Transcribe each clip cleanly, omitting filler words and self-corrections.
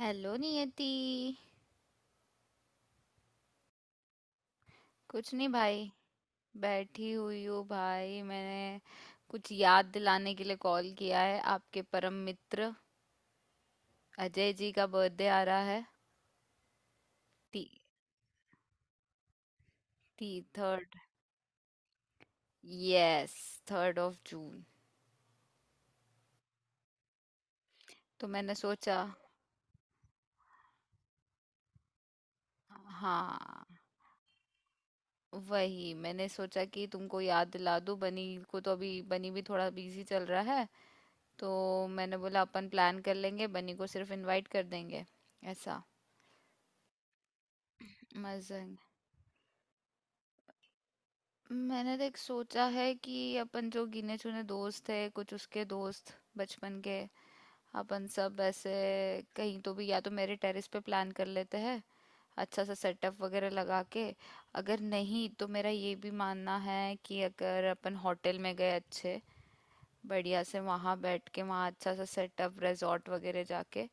Hello Niyati. कुछ नहीं भाई, बैठी हुई हूँ भाई। मैंने कुछ याद दिलाने के लिए कॉल किया है, आपके परम मित्र अजय जी का बर्थडे आ रहा है। ती, ती, third, yes, third of June. तो मैंने सोचा, हाँ, वही मैंने सोचा कि तुमको याद दिला दूँ। बनी को तो अभी बनी भी थोड़ा बिजी चल रहा है, तो मैंने बोला अपन प्लान कर लेंगे, बनी को सिर्फ इनवाइट कर देंगे ऐसा। मजा, मैंने देख सोचा है कि अपन जो गिने चुने दोस्त है, कुछ उसके दोस्त बचपन के, अपन सब ऐसे कहीं तो भी, या तो मेरे टेरेस पे प्लान कर लेते हैं, अच्छा सा सेटअप वगैरह लगा के। अगर नहीं तो मेरा ये भी मानना है कि अगर अपन होटल में गए अच्छे, बढ़िया से वहाँ बैठ के, वहाँ अच्छा सा सेटअप, रिजॉर्ट वगैरह जाके,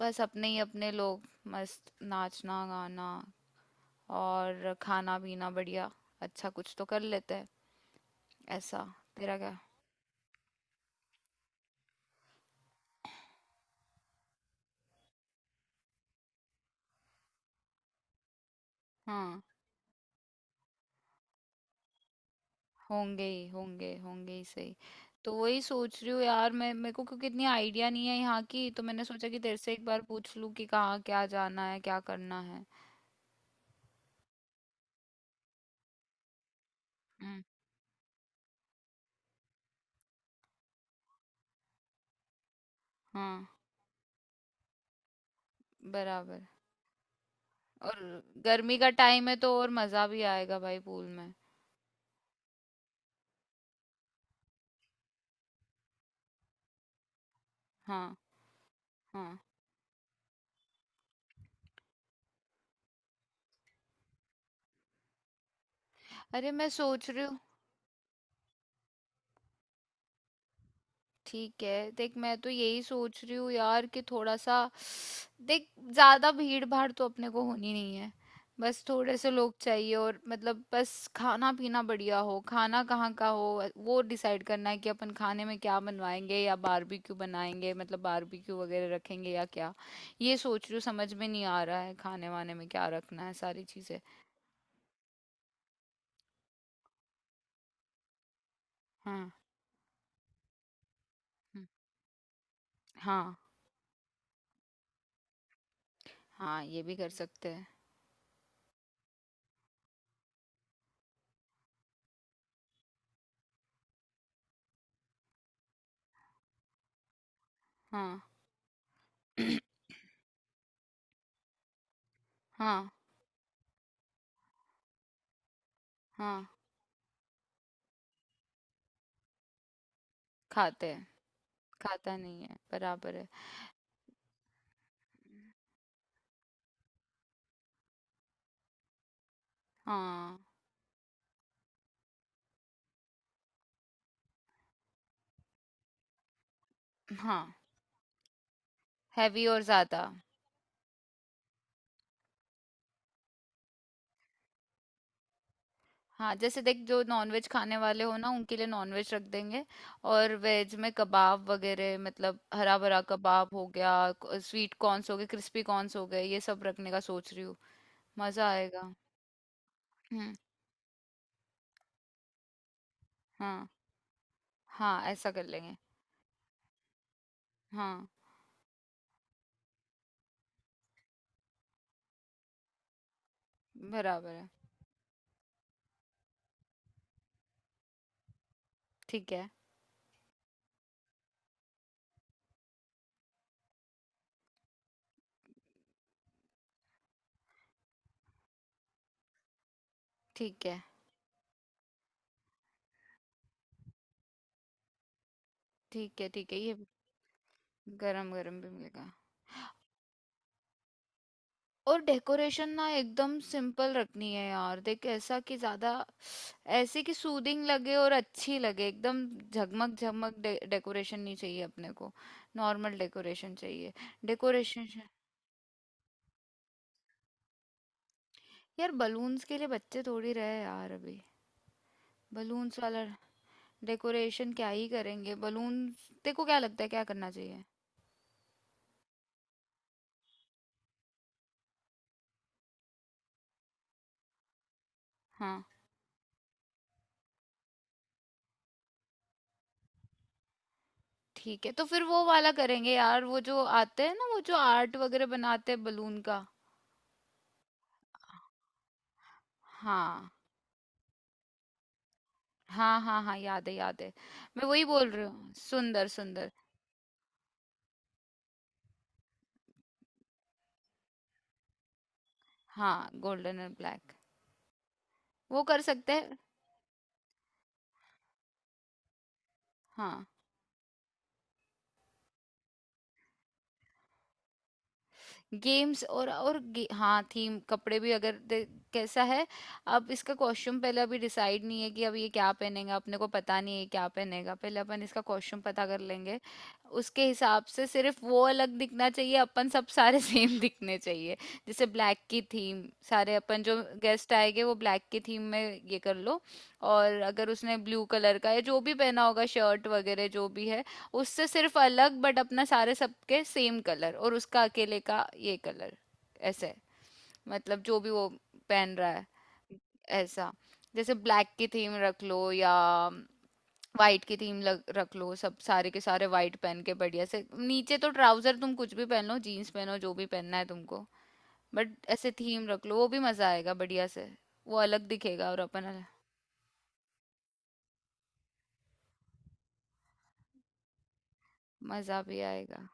बस अपने ही अपने लोग, मस्त नाचना गाना और खाना पीना बढ़िया, अच्छा कुछ तो कर लेते हैं ऐसा। तेरा क्या? हाँ होंगे ही, होंगे, होंगे ही सही। तो वही सोच रही हूँ यार मैं, मेरे को क्योंकि इतनी आइडिया नहीं है यहाँ की, तो मैंने सोचा कि तेरे से एक बार पूछ लूँ कि कहाँ क्या जाना है, क्या करना है। हम्म, हाँ, बराबर। और गर्मी का टाइम है तो और मज़ा भी आएगा भाई पूल में। हाँ हाँ। अरे मैं सोच रही हूँ, ठीक है देख, मैं तो यही सोच रही हूँ यार कि थोड़ा सा, देख, ज्यादा भीड़ भाड़ तो अपने को होनी नहीं है, बस थोड़े से लोग चाहिए, और मतलब बस खाना पीना बढ़िया हो। खाना कहाँ का हो, वो डिसाइड करना है कि अपन खाने में क्या बनवाएंगे, या बारबेक्यू बनाएंगे, मतलब बारबेक्यू वगैरह रखेंगे या क्या। ये सोच रही हूँ, समझ में नहीं आ रहा है खाने वाने में क्या रखना है सारी चीजें। हाँ। हम्म, हाँ। हाँ ये भी कर सकते हैं। हाँ। हाँ। हाँ खाते हैं, खाता नहीं है, बराबर है। हाँ। हाँ हैवी और ज़्यादा। हाँ जैसे देख, जो नॉनवेज खाने वाले हो ना, उनके लिए नॉनवेज रख देंगे। और वेज में कबाब वगैरह, मतलब हरा भरा कबाब हो गया, स्वीट कॉर्न्स हो गए, क्रिस्पी कॉर्न्स हो गए, ये सब रखने का सोच रही हूँ। मज़ा आएगा। हम्म। हाँ, हाँ ऐसा कर लेंगे। हाँ, बराबर है। ठीक है, ठीक है। ठीक है ठीक है ये। गरम गरम भी मिलेगा। और डेकोरेशन ना एकदम सिंपल रखनी है यार, देख ऐसा कि ज्यादा, ऐसे कि सूदिंग लगे और अच्छी लगे एकदम। झगमग झगमग डेकोरेशन नहीं चाहिए अपने को, नॉर्मल डेकोरेशन चाहिए। डेकोरेशन, यार बलून्स के लिए बच्चे थोड़ी रहे यार अभी। बलून्स वाला डेकोरेशन क्या ही करेंगे बलून। तेरे को क्या लगता है क्या करना चाहिए? हाँ, ठीक है तो फिर वो वाला करेंगे यार, वो जो आते हैं ना, वो जो आर्ट वगैरह बनाते हैं बलून का। हाँ, हाँ हाँ हाँ याद है, याद है। मैं वही बोल रही हूँ, सुंदर सुंदर। हाँ गोल्डन और ब्लैक। वो कर सकते हैं। हाँ। गेम्स और हाँ थीम कपड़े भी अगर दे-, कैसा है? अब इसका कॉस्ट्यूम पहले अभी डिसाइड नहीं है कि अब ये क्या पहनेगा, अपने को पता नहीं है क्या पहनेगा, पहले अपन इसका कॉस्ट्यूम पता कर लेंगे। उसके हिसाब से सिर्फ वो अलग दिखना चाहिए, अपन सब सारे सेम दिखने चाहिए। जैसे ब्लैक की थीम, सारे अपन जो गेस्ट आएंगे वो ब्लैक की थीम में, ये कर लो। और अगर उसने ब्लू कलर का, या जो भी पहना होगा, शर्ट वगैरह जो भी है, उससे सिर्फ अलग। बट अपना सारे, सबके सेम कलर और उसका अकेले का ये कलर, ऐसे। मतलब जो भी वो पहन रहा है, ऐसा। जैसे ब्लैक की थीम रख लो, या वाइट की थीम लग, रख लो। सब सारे के सारे वाइट पहन के बढ़िया से, नीचे तो ट्राउजर तुम कुछ भी पहन लो, जीन्स पहनो, जो भी पहनना है तुमको, बट ऐसे थीम रख लो, वो भी मजा आएगा बढ़िया से। वो अलग दिखेगा और अपन अलग-। मजा भी आएगा।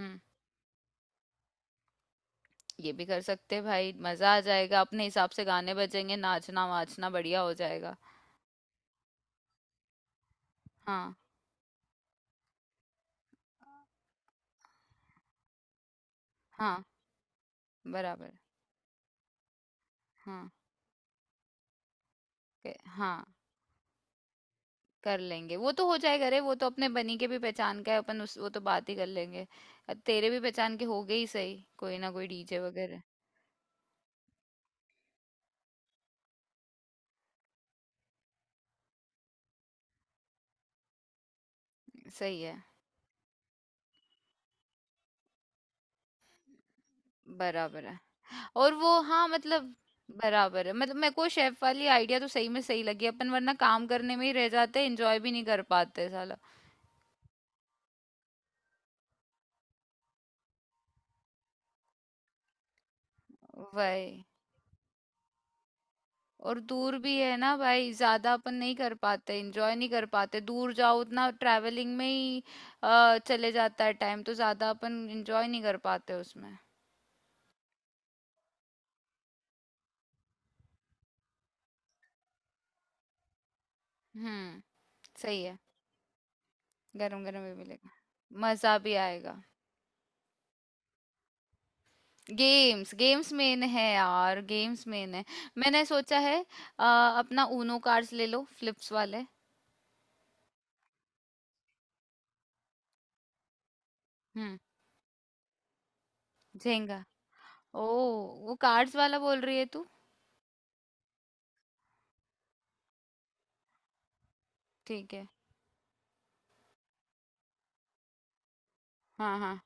हम्म, ये भी कर सकते हैं भाई, मजा आ जाएगा, अपने हिसाब से गाने बजेंगे, नाचना वाचना बढ़िया हो जाएगा। हाँ हाँ, बराबर। हाँ हाँ कर लेंगे, वो तो हो जाएगा रे, वो तो अपने बनी के भी पहचान का है, अपन उस वो तो बात ही कर लेंगे। तेरे भी पहचान के हो गए ही सही, कोई ना कोई डीजे वगैरह। सही है, बराबर है। और वो हाँ मतलब बराबर है, मतलब मेरे को शेफ वाली आइडिया तो सही में सही लगी, अपन वरना काम करने में ही रह जाते, एंजॉय भी नहीं कर पाते साला। वही। और दूर भी है ना भाई, ज्यादा अपन नहीं कर पाते एंजॉय नहीं कर पाते, दूर जाओ उतना ट्रैवलिंग में ही चले जाता है टाइम, तो ज्यादा अपन एंजॉय नहीं कर पाते उसमें। हम्म, सही है। गरम गरम भी मिलेगा, मजा भी आएगा। गेम्स, गेम्स मेन है यार, गेम्स मेन है। मैंने सोचा है, अ, अपना ऊनो कार्ड्स ले लो, फ्लिप्स वाले। हम्म, झेंगा, ओ, वो कार्ड्स वाला बोल रही है तू? ठीक है। हाँ हाँ,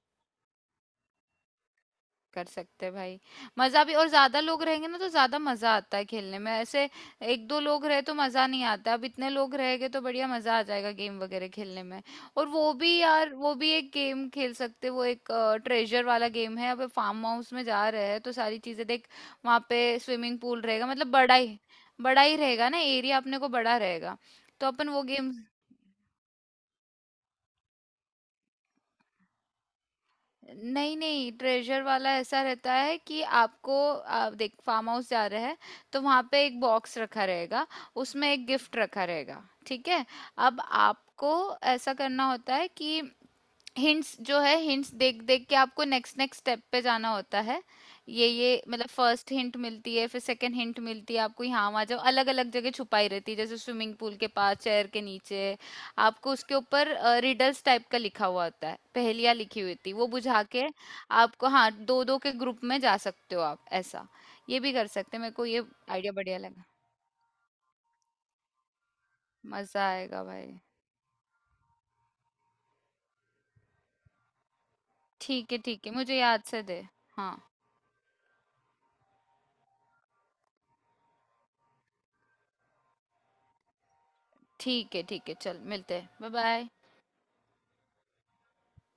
कर सकते हैं भाई। मजा भी, और ज्यादा लोग रहेंगे ना तो ज्यादा मजा आता है खेलने में ऐसे। एक दो लोग रहे तो मजा नहीं आता, अब इतने लोग रहेंगे तो बढ़िया मजा आ जाएगा गेम वगैरह खेलने में। और वो भी यार, वो भी एक गेम खेल सकते हैं, वो एक ट्रेजर वाला गेम है। अब फार्म हाउस में जा रहे हैं तो सारी चीजें देख, वहां पे स्विमिंग पूल रहेगा, मतलब बड़ा ही, बड़ा ही रहेगा ना एरिया, अपने को बड़ा रहेगा, तो अपन वो गेम। नहीं नहीं ट्रेजर वाला ऐसा रहता है कि आपको, आप देख फार्म हाउस जा रहे हैं, तो वहाँ पे एक बॉक्स रखा रहेगा, उसमें एक गिफ्ट रखा रहेगा, ठीक है। अब आपको ऐसा करना होता है कि हिंट्स जो है, हिंट्स देख देख के आपको नेक्स्ट नेक्स्ट स्टेप पे जाना होता है। ये मतलब फर्स्ट हिंट मिलती है, फिर सेकंड हिंट मिलती है, आपको यहाँ वहाँ जाओ, अलग अलग जगह छुपाई रहती है, जैसे स्विमिंग पूल के पास चेयर के नीचे, आपको उसके ऊपर रिडल्स टाइप का लिखा हुआ होता है, पहेलियाँ लिखी हुई थी, वो बुझा के आपको, हाँ दो दो के ग्रुप में जा सकते हो आप ऐसा। ये भी कर सकते हैं, मेरे को ये आइडिया बढ़िया लगा। मजा आएगा भाई। ठीक है ठीक है, मुझे याद से दे। हाँ ठीक है ठीक है, चल मिलते हैं, बाय बाय।